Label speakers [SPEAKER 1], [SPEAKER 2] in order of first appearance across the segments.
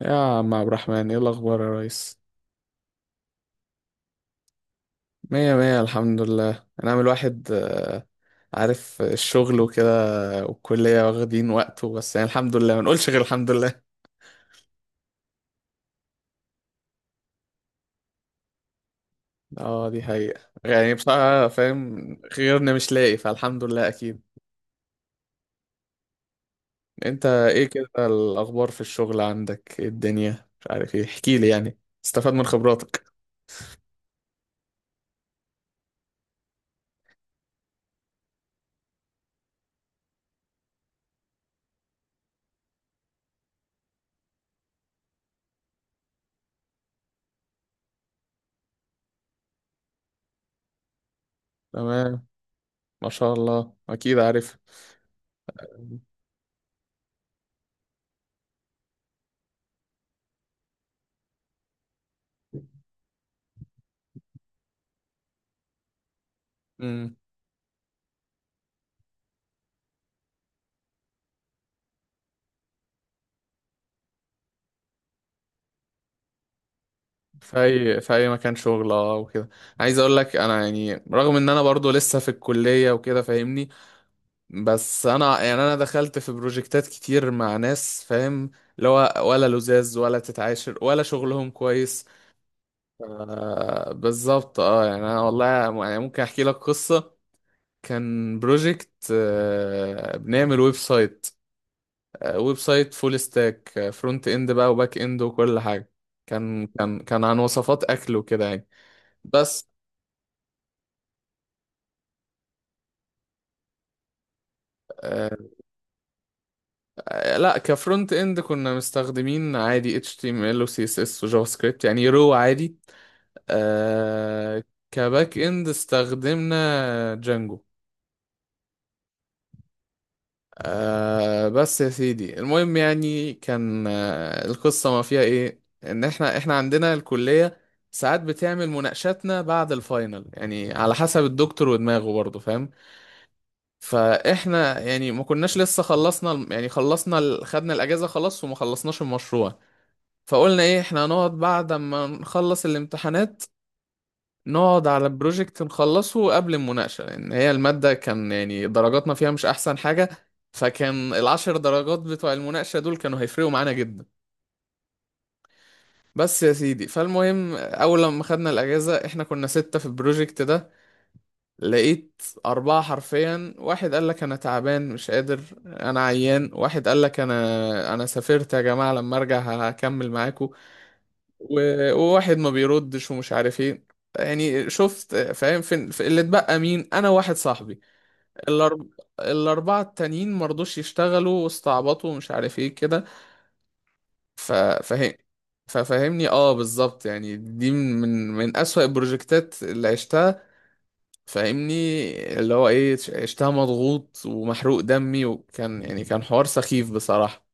[SPEAKER 1] يا عم عبد الرحمن ايه الاخبار يا ريس؟ مية مية الحمد لله. انا عامل واحد عارف الشغل وكده، والكلية واخدين وقته، بس يعني الحمد لله، ما نقولش غير الحمد لله. اه دي حقيقة، يعني بصراحة فاهم، غيرنا مش لاقي، فالحمد لله اكيد. انت ايه كده الاخبار في الشغل؟ عندك ايه الدنيا؟ مش عارف ايه، احكيلي يعني استفاد من خبراتك. تمام، ما شاء الله، اكيد عارف في اي في اي مكان شغل اه وكده. عايز اقول لك انا يعني رغم ان انا برضو لسه في الكليه وكده، فاهمني؟ بس انا يعني انا دخلت في بروجكتات كتير مع ناس، فاهم، اللي هو ولا لزاز ولا تتعاشر ولا شغلهم كويس. آه بالظبط، اه يعني انا والله يعني ممكن احكي لك قصه. كان بروجكت آه بنعمل ويب سايت، آه ويب سايت فول ستاك، آه فرونت اند بقى وباك اند وكل حاجه. كان عن وصفات اكل وكده يعني. بس آه، لا، كفرونت اند كنا مستخدمين عادي HTML و CSS و جافا سكريبت يعني رو عادي. آه، كباك اند استخدمنا جانجو. آه بس يا سيدي المهم، يعني كان آه القصة ما فيها ايه، ان احنا عندنا الكلية ساعات بتعمل مناقشاتنا بعد الفاينل، يعني على حسب الدكتور ودماغه برضه، فاهم؟ فاحنا يعني ما كناش لسه خلصنا، يعني خلصنا ال- خدنا الاجازة خلاص وما خلصناش المشروع. فقلنا ايه، احنا هنقعد بعد ما نخلص الامتحانات، نقعد على بروجكت نخلصه قبل المناقشة، لأن هي المادة كان يعني درجاتنا فيها مش أحسن حاجة. فكان العشر درجات بتوع المناقشة دول كانوا هيفرقوا معانا جدا. بس يا سيدي فالمهم، أول لما خدنا الأجازة احنا كنا ستة في البروجكت ده. لقيت أربعة حرفيا، واحد قال لك أنا تعبان مش قادر، أنا عيان، واحد قال لك أنا سافرت يا جماعة، لما أرجع هكمل معاكم، و- وواحد ما بيردش ومش عارف ايه. يعني شفت، فاهم، فين في اللي اتبقى؟ مين؟ انا واحد صاحبي. الأرب... الاربعه التانيين ما رضوش يشتغلوا، واستعبطوا ومش عارف ايه كده. ف... فاهم؟ ففهمني، اه بالظبط يعني دي من من اسوأ البروجكتات اللي عشتها، فاهمني؟ اللي هو ايه، عشتها مضغوط ومحروق دمي، وكان يعني كان حوار سخيف بصراحة.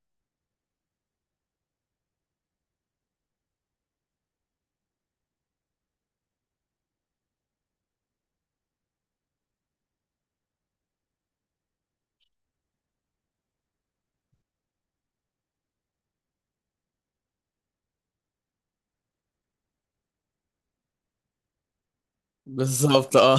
[SPEAKER 1] بالظبط اه.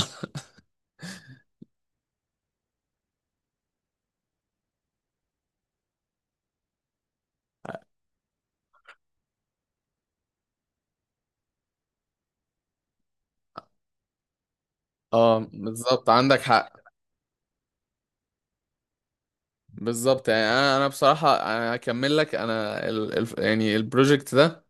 [SPEAKER 1] اه بالظبط عندك حق. بالظبط، يعني انا بصراحه انا هكمل لك، انا ال ال يعني البروجكت ده،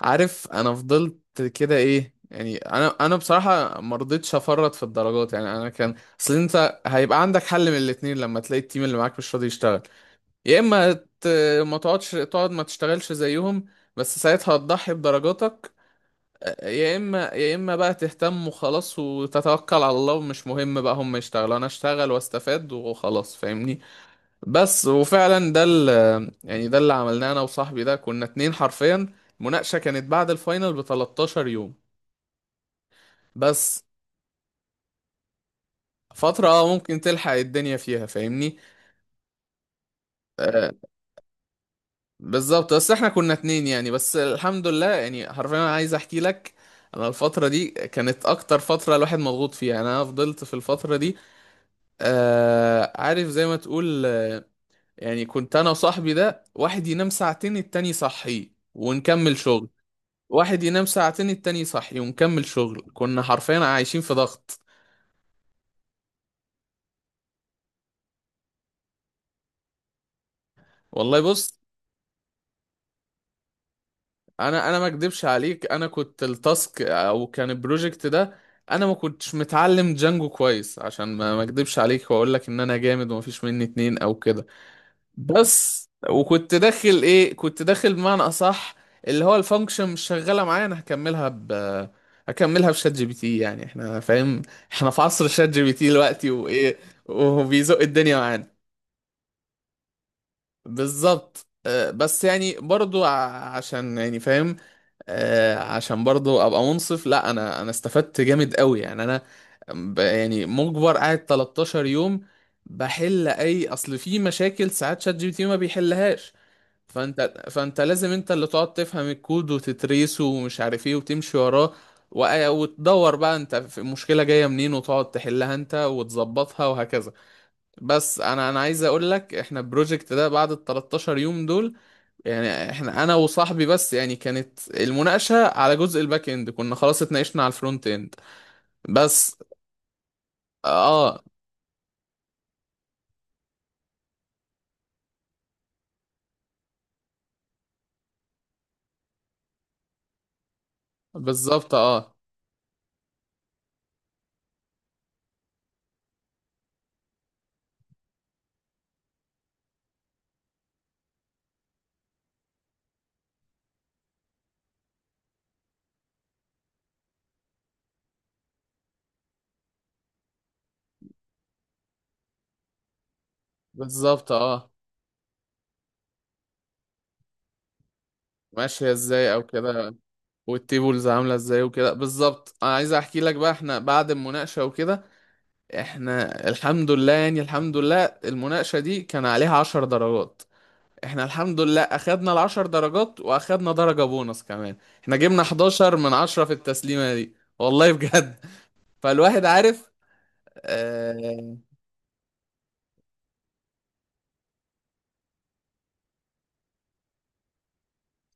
[SPEAKER 1] عارف انا فضلت كده ايه، يعني انا بصراحه ما رضيتش افرط في الدرجات، يعني انا كان، اصل انت هيبقى عندك حل من الاتنين لما تلاقي التيم اللي معاك مش راضي يشتغل. يا اما ت- ما تقعدش، تقعد ما تشتغلش زيهم، بس ساعتها هتضحي بدرجاتك. يا اما يا اما بقى تهتم وخلاص، وتتوكل على الله، ومش مهم بقى هم يشتغلوا، انا اشتغل واستفاد وخلاص، فاهمني؟ بس وفعلا ده ال- يعني ده اللي عملناه انا وصاحبي ده، كنا اتنين حرفيا. المناقشة كانت بعد الفاينل ب 13 يوم بس. فترة اه ممكن تلحق الدنيا فيها، فاهمني؟ آه بالظبط، بس احنا كنا اتنين يعني، بس الحمد لله، يعني حرفيا انا عايز احكي لك، انا الفترة دي كانت اكتر فترة الواحد مضغوط فيها، يعني انا فضلت في الفترة دي آه، عارف زي ما تقول يعني كنت انا وصاحبي ده، واحد ينام ساعتين التاني يصحيه ونكمل شغل، واحد ينام ساعتين التاني يصحي ونكمل شغل. كنا حرفيا عايشين في ضغط. والله بص، انا ما اكدبش عليك، انا كنت التاسك او كان البروجكت ده، انا ما كنتش متعلم جانجو كويس، عشان ما اكدبش عليك واقول لك ان انا جامد وما فيش مني اتنين او كده. بس وكنت داخل ايه، كنت داخل بمعنى اصح اللي هو الفانكشن مش شغاله معايا، انا هكملها بشات جي بي تي، يعني احنا فاهم، احنا في عصر شات جي بي تي دلوقتي وايه، وبيزق الدنيا معانا. بالظبط آه، بس يعني برضو عشان يعني فاهم، عشان برضو ابقى منصف، لا انا استفدت جامد قوي، يعني انا يعني مجبر قاعد 13 يوم بحل اي، اصل في مشاكل ساعات شات جي بي تي ما بيحلهاش، فانت لازم انت اللي تقعد تفهم الكود وتتريسه ومش عارف ايه وتمشي وراه، وتدور بقى انت في المشكلة جاية منين، وتقعد تحلها انت وتظبطها وهكذا. بس انا عايز اقول لك، احنا البروجكت ده بعد ال 13 يوم دول يعني احنا انا وصاحبي بس، يعني كانت المناقشه على جزء الباك اند، كنا خلاص اتناقشنا على الفرونت اند بس. اه بالظبط. اه بالظبط اه. ماشيه ازاي او كده. والتيبلز عامله ازاي وكده، بالظبط انا عايز احكي لك بقى، احنا بعد المناقشه وكده، احنا الحمد لله يعني، الحمد لله المناقشه دي كان عليها 10 درجات، احنا الحمد لله اخدنا العشر درجات واخدنا درجة بونص كمان، احنا جبنا 11 من 10 في التسليمة دي. والله بجد. فالواحد عارف. آه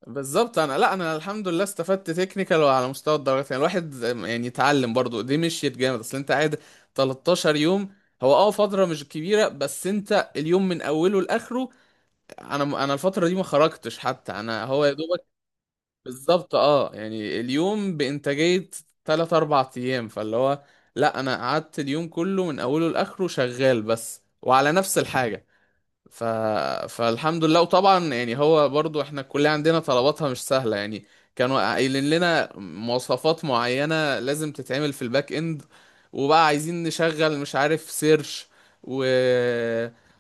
[SPEAKER 1] بالظبط، انا لا انا الحمد لله استفدت تكنيكال وعلى مستوى الدرجات، يعني الواحد يعني اتعلم برضو، دي مشيت جامد، اصل انت قاعد 13 يوم. هو اه فترة مش كبيرة، بس انت اليوم من اوله لاخره، انا الفترة دي ما خرجتش حتى، انا هو يا دوبك. بالظبط اه، يعني اليوم بإنتاجية تلات أربع أيام، فاللي هو، لأ أنا قعدت اليوم كله من أوله لآخره شغال بس وعلى نفس الحاجة. ف... فالحمد لله. وطبعا يعني هو برضو احنا الكلية عندنا طلباتها مش سهلة يعني، كانوا قايلين لنا مواصفات معينة لازم تتعمل في الباك اند، وبقى عايزين نشغل مش عارف سيرش، و...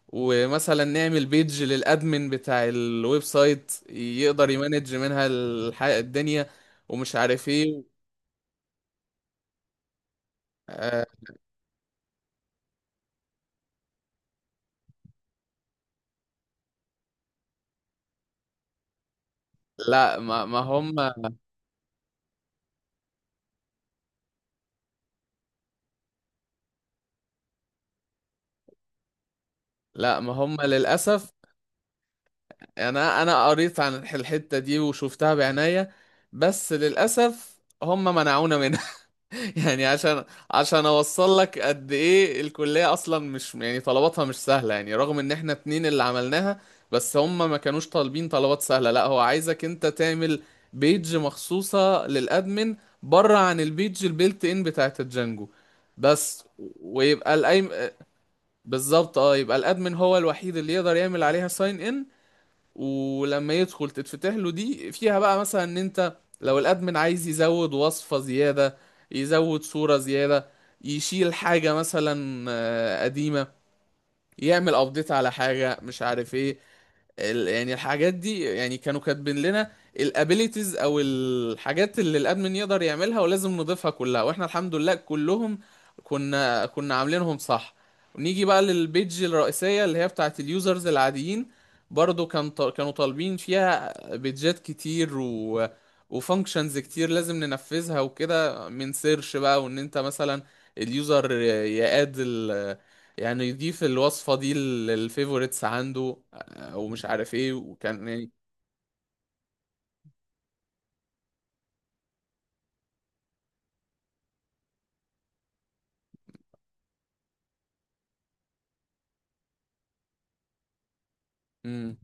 [SPEAKER 1] ومثلا نعمل بيج للادمن بتاع الويب سايت يقدر يمانج منها الدنيا، ومش عارف ايه. آه لا ما هم، لا ما هم للأسف، يعني انا قريت عن الحتة دي وشفتها بعناية، بس للأسف هم منعونا منها. يعني عشان اوصل لك قد ايه الكلية اصلا مش يعني طلباتها مش سهلة، يعني رغم ان احنا اتنين اللي عملناها، بس هم ما كانوش طالبين طلبات سهلة، لا هو عايزك انت تعمل بيج مخصوصة للادمن، بره عن البيج البيلت ان بتاعت الجانجو بس. ويبقى الايم، بالظبط اه، يبقى الادمن هو الوحيد اللي يقدر يعمل عليها ساين ان، ولما يدخل تتفتح له دي فيها بقى مثلا ان انت لو الادمن عايز يزود وصفة زيادة، يزود صورة زيادة، يشيل حاجة مثلا قديمة، يعمل ابديت على حاجة مش عارف ايه، يعني الحاجات دي يعني كانوا كاتبين لنا الابيليتيز او الحاجات اللي الادمن يقدر يعملها ولازم نضيفها كلها، واحنا الحمد لله كلهم كنا عاملينهم صح. ونيجي بقى للبيج الرئيسية اللي هي بتاعت اليوزرز العاديين، برضو كان كانوا طالبين فيها بيجات كتير وفانكشنز كتير لازم ننفذها وكده، من سيرش بقى، وان انت مثلا اليوزر يقاد يعني يضيف الوصفة دي للفيفوريتس عنده، ومش عارف ايه وكان ايه. امم،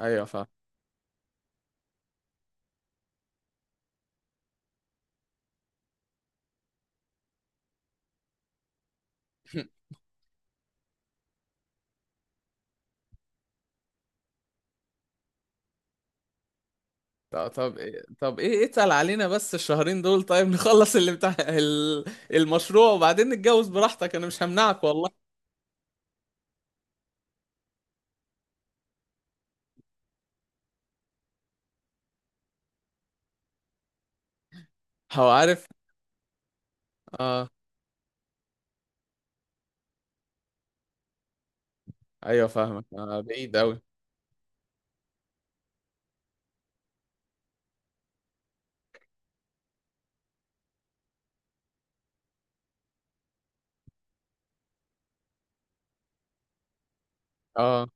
[SPEAKER 1] ايوه فاهم. طب ايه اتقل علينا بس الشهرين دول طيب. نخلص اللي بتاع المشروع وبعدين نتجوز براحتك، انا مش همنعك والله. هو عارف. اه. ايوه فاهمك آه، بعيد اوي. اه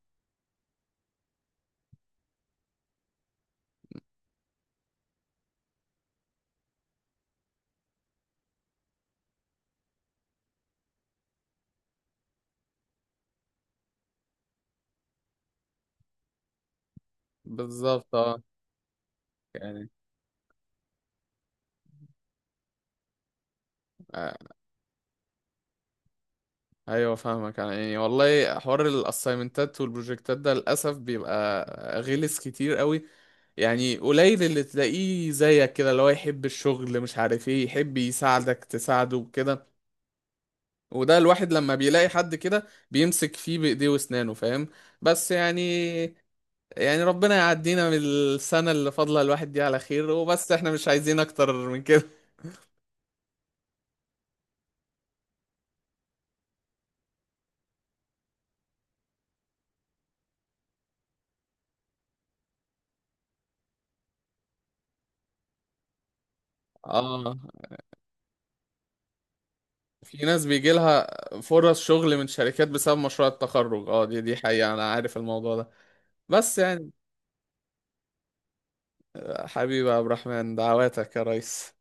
[SPEAKER 1] بالظبط اه، يعني آه. ايوه فاهمك يعني والله حوار الاسايمنتات والبروجكتات ده للاسف بيبقى غلس كتير قوي، يعني قليل اللي تلاقيه زيك كده اللي هو يحب الشغل مش عارف ايه، يحب يساعدك تساعده وكده. وده الواحد لما بيلاقي حد كده بيمسك فيه بإيديه وأسنانه، فاهم؟ بس يعني، يعني ربنا يعدينا من السنة اللي فاضلة الواحد دي على خير وبس، احنا مش عايزين أكتر من كده. اه في ناس بيجي لها فرص شغل من شركات بسبب مشروع التخرج، اه دي دي حقيقة، أنا عارف الموضوع ده. بس يعني حبيبي يا عبد الرحمن دعواتك يا ريس.